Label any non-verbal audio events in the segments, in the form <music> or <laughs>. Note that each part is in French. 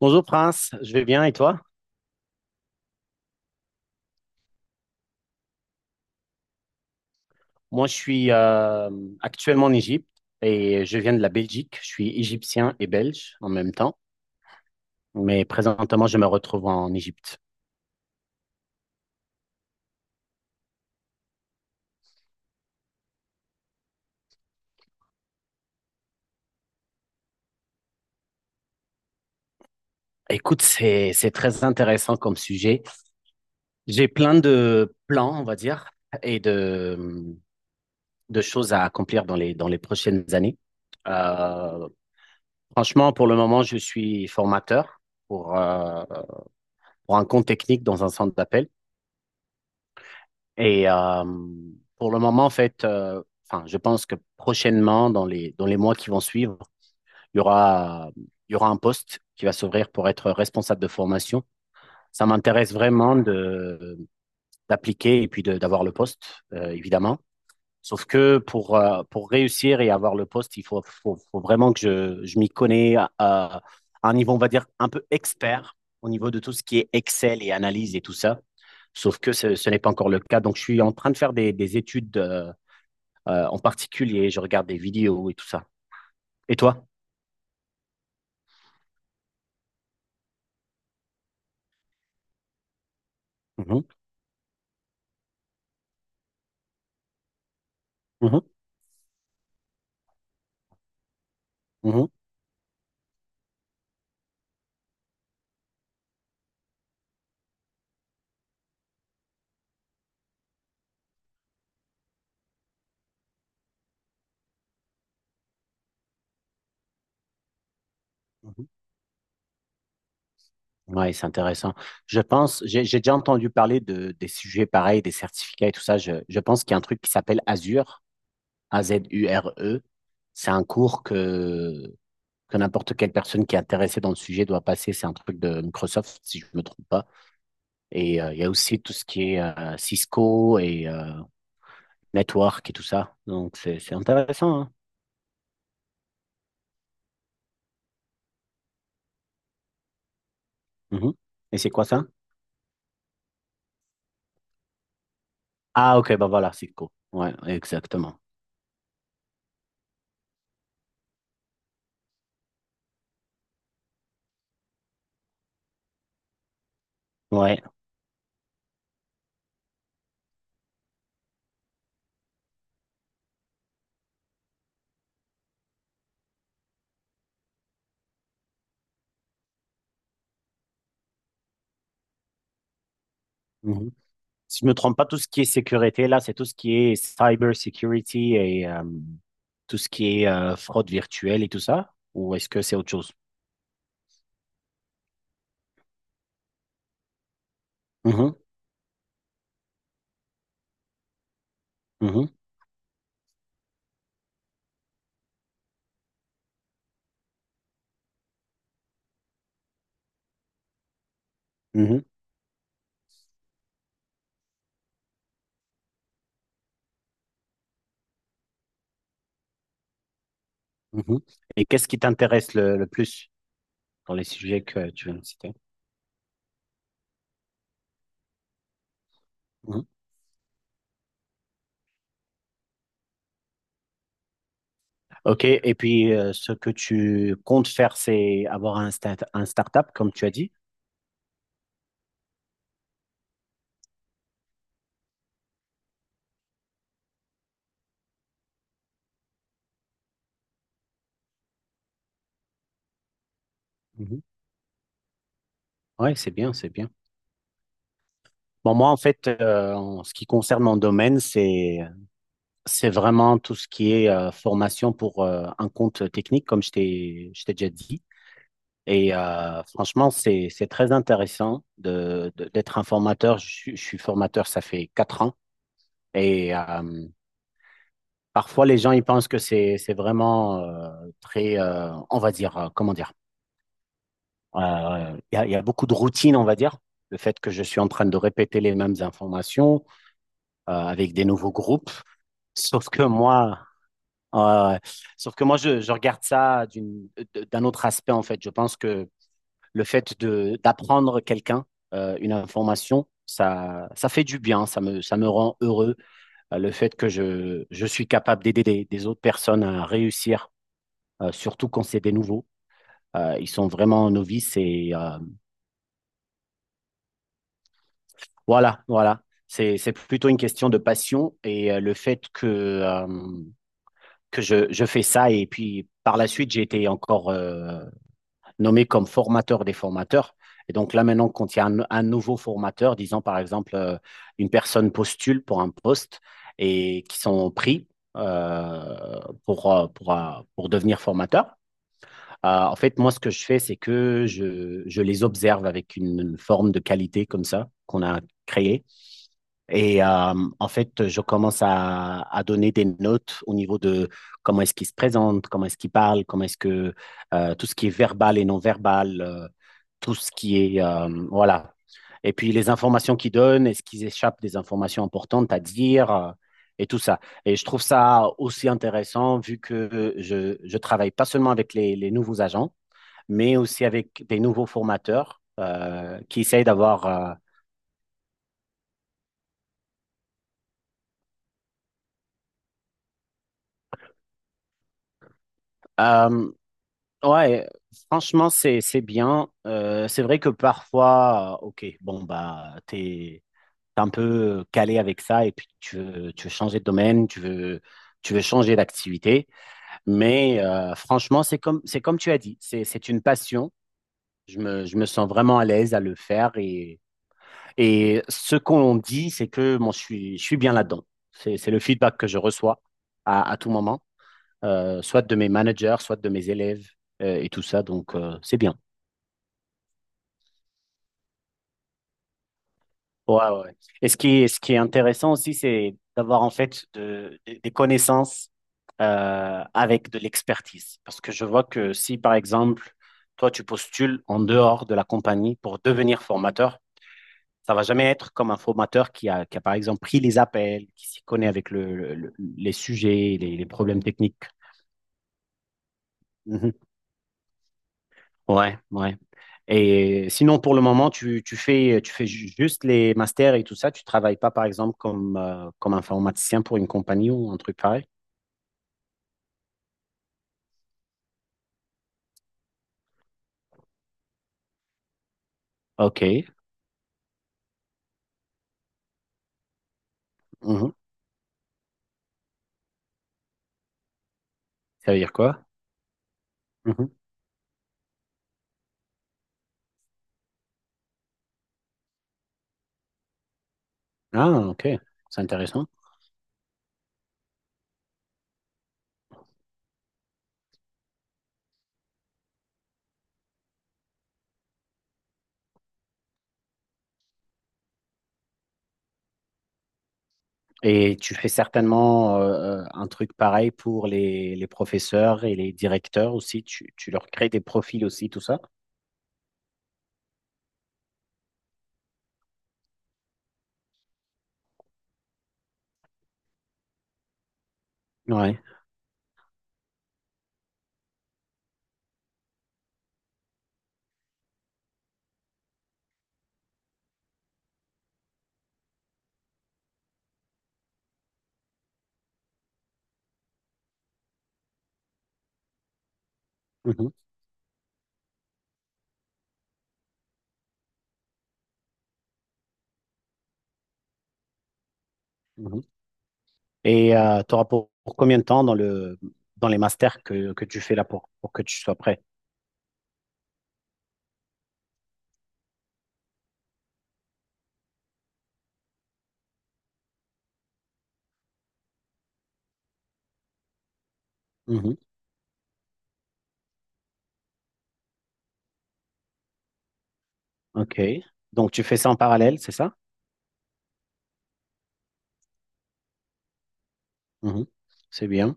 Bonjour Prince, je vais bien et toi? Moi je suis actuellement en Égypte et je viens de la Belgique. Je suis égyptien et belge en même temps, mais présentement je me retrouve en Égypte. Écoute, c'est très intéressant comme sujet. J'ai plein de plans, on va dire, et de choses à accomplir dans les prochaines années. Euh, Franchement, pour le moment, je suis formateur pour euh, pour un compte technique dans un centre d'appel. Et euh, pour le moment, en fait, enfin, je pense que prochainement, dans les mois qui vont suivre, il y aura, il y aura un poste qui va s'ouvrir pour être responsable de formation. Ça m'intéresse vraiment d'appliquer et puis d'avoir le poste, évidemment. Sauf que pour réussir et avoir le poste, il faut vraiment que je m'y connais à un niveau, on va dire, un peu expert au niveau de tout ce qui est Excel et analyse et tout ça. Sauf que ce n'est pas encore le cas. Donc, je suis en train de faire des études en particulier. Je regarde des vidéos et tout ça. Et toi? Mhm, mhm, mhm, mhm. Ouais, c'est intéressant. Je pense, j'ai déjà entendu parler des sujets pareils, des certificats et tout ça. Je pense qu'il y a un truc qui s'appelle Azure, Azure. C'est un cours que n'importe quelle personne qui est intéressée dans le sujet doit passer. C'est un truc de Microsoft, si je ne me trompe pas. Il y a aussi tout ce qui est Cisco network et tout ça. Donc, c'est intéressant, hein. Mhm. Et c'est quoi ça? Ah, ok, bah voilà, c'est cool. Ouais, exactement. Ouais. Mhm. Si je me trompe pas, tout ce qui est sécurité, là, c'est tout ce qui est cyber security tout ce qui est fraude virtuelle et tout ça? Ou est-ce que c'est autre chose? Mhm, mhm, mhm, mhm. Et qu'est-ce qui t'intéresse le plus dans les sujets que tu viens de citer? Mhm. OK, et puis ce que tu comptes faire, c'est avoir un start-up, comme tu as dit. Oui, c'est bien, c'est bien. Bon, moi, en fait, en ce qui concerne mon domaine, c'est vraiment tout ce qui est formation pour un compte technique, comme je je t'ai déjà dit. Franchement, c'est très intéressant d'être un formateur. Je suis formateur, ça fait 4 ans. Et euh, Parfois, les gens, ils pensent que c'est vraiment très, on va dire, comment dire, il il y a beaucoup de routine, on va dire. Le fait que je suis en train de répéter les mêmes informations avec des nouveaux groupes. <laughs> Sauf que moi, euh, sauf que moi, je regarde ça d'un autre aspect, en fait. Je pense que le fait de d'apprendre quelqu'un une information, ça fait du bien, ça me rend heureux. Le fait que je suis capable d'aider des autres personnes à réussir, surtout quand c'est des nouveaux. Ils sont vraiment novices voilà, voilà. C'est plutôt une question de passion et le fait que je fais ça et puis par la suite, j'ai été encore nommé comme formateur des formateurs. Et donc là, maintenant, quand il y a un nouveau formateur, disons par exemple, une personne postule pour un poste et qui sont pris euh, pour devenir formateur. En fait, moi, ce que je fais, c'est que je les observe avec une forme de qualité comme ça qu'on a créée. Et euh, En fait, je commence à donner des notes au niveau de comment est-ce qu'il se présente, comment est-ce qu'il parle, comment est-ce que tout ce qui est verbal et non verbal, tout ce qui est voilà. Et puis les informations qu'ils donnent, est-ce qu'ils échappent des informations importantes à dire et tout ça. Et je trouve ça aussi intéressant vu que je travaille pas seulement avec les nouveaux agents, mais aussi avec des nouveaux formateurs qui essayent d'avoir euh, Ouais, franchement, c'est bien. C'est vrai que parfois, ok, bon bah t'es un peu calé avec ça et puis tu veux changer de domaine, tu veux changer d'activité. Mais franchement, c'est comme tu as dit, c'est une passion. Je me sens vraiment à l'aise à le faire et ce qu'on dit, c'est que moi je suis bien là-dedans. C'est le feedback que je reçois à tout moment, soit de mes managers, soit de mes élèves et tout ça. Donc c'est bien. Ouais, ouais, ouais. Et ce qui est intéressant aussi, c'est d'avoir en fait des connaissances avec de l'expertise. Parce que je vois que si, par exemple, toi, tu postules en dehors de la compagnie pour devenir formateur, ça va jamais être comme un formateur qui qui a par exemple, pris les appels, qui s'y connaît avec les sujets, les problèmes techniques. Mhm. Ouais, ouais. Et sinon, pour le moment, tu fais juste les masters et tout ça. Tu travailles pas, par exemple, comme, comme informaticien pour une compagnie ou un truc pareil. OK. Mhm. Ça veut dire quoi? Mhm. Ah, OK. C'est intéressant. Et tu fais certainement un truc pareil pour les professeurs et les directeurs aussi. Tu leur crées des profils aussi, tout ça. Ouais. Mhm. Mhm. Et tu auras pour combien de temps dans dans les masters que tu fais là pour que tu sois prêt? Mhm. OK. Donc, tu fais ça en parallèle, c'est ça? Mhm. C'est bien.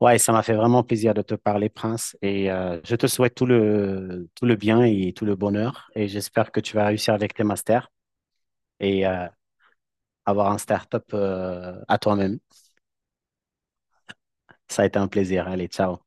Ouais, ça m'a fait vraiment plaisir de te parler, Prince. Et je te souhaite tout le bien et tout le bonheur. Et j'espère que tu vas réussir avec tes masters et euh, avoir un start-up à toi-même. Ça a été un plaisir. Allez, ciao.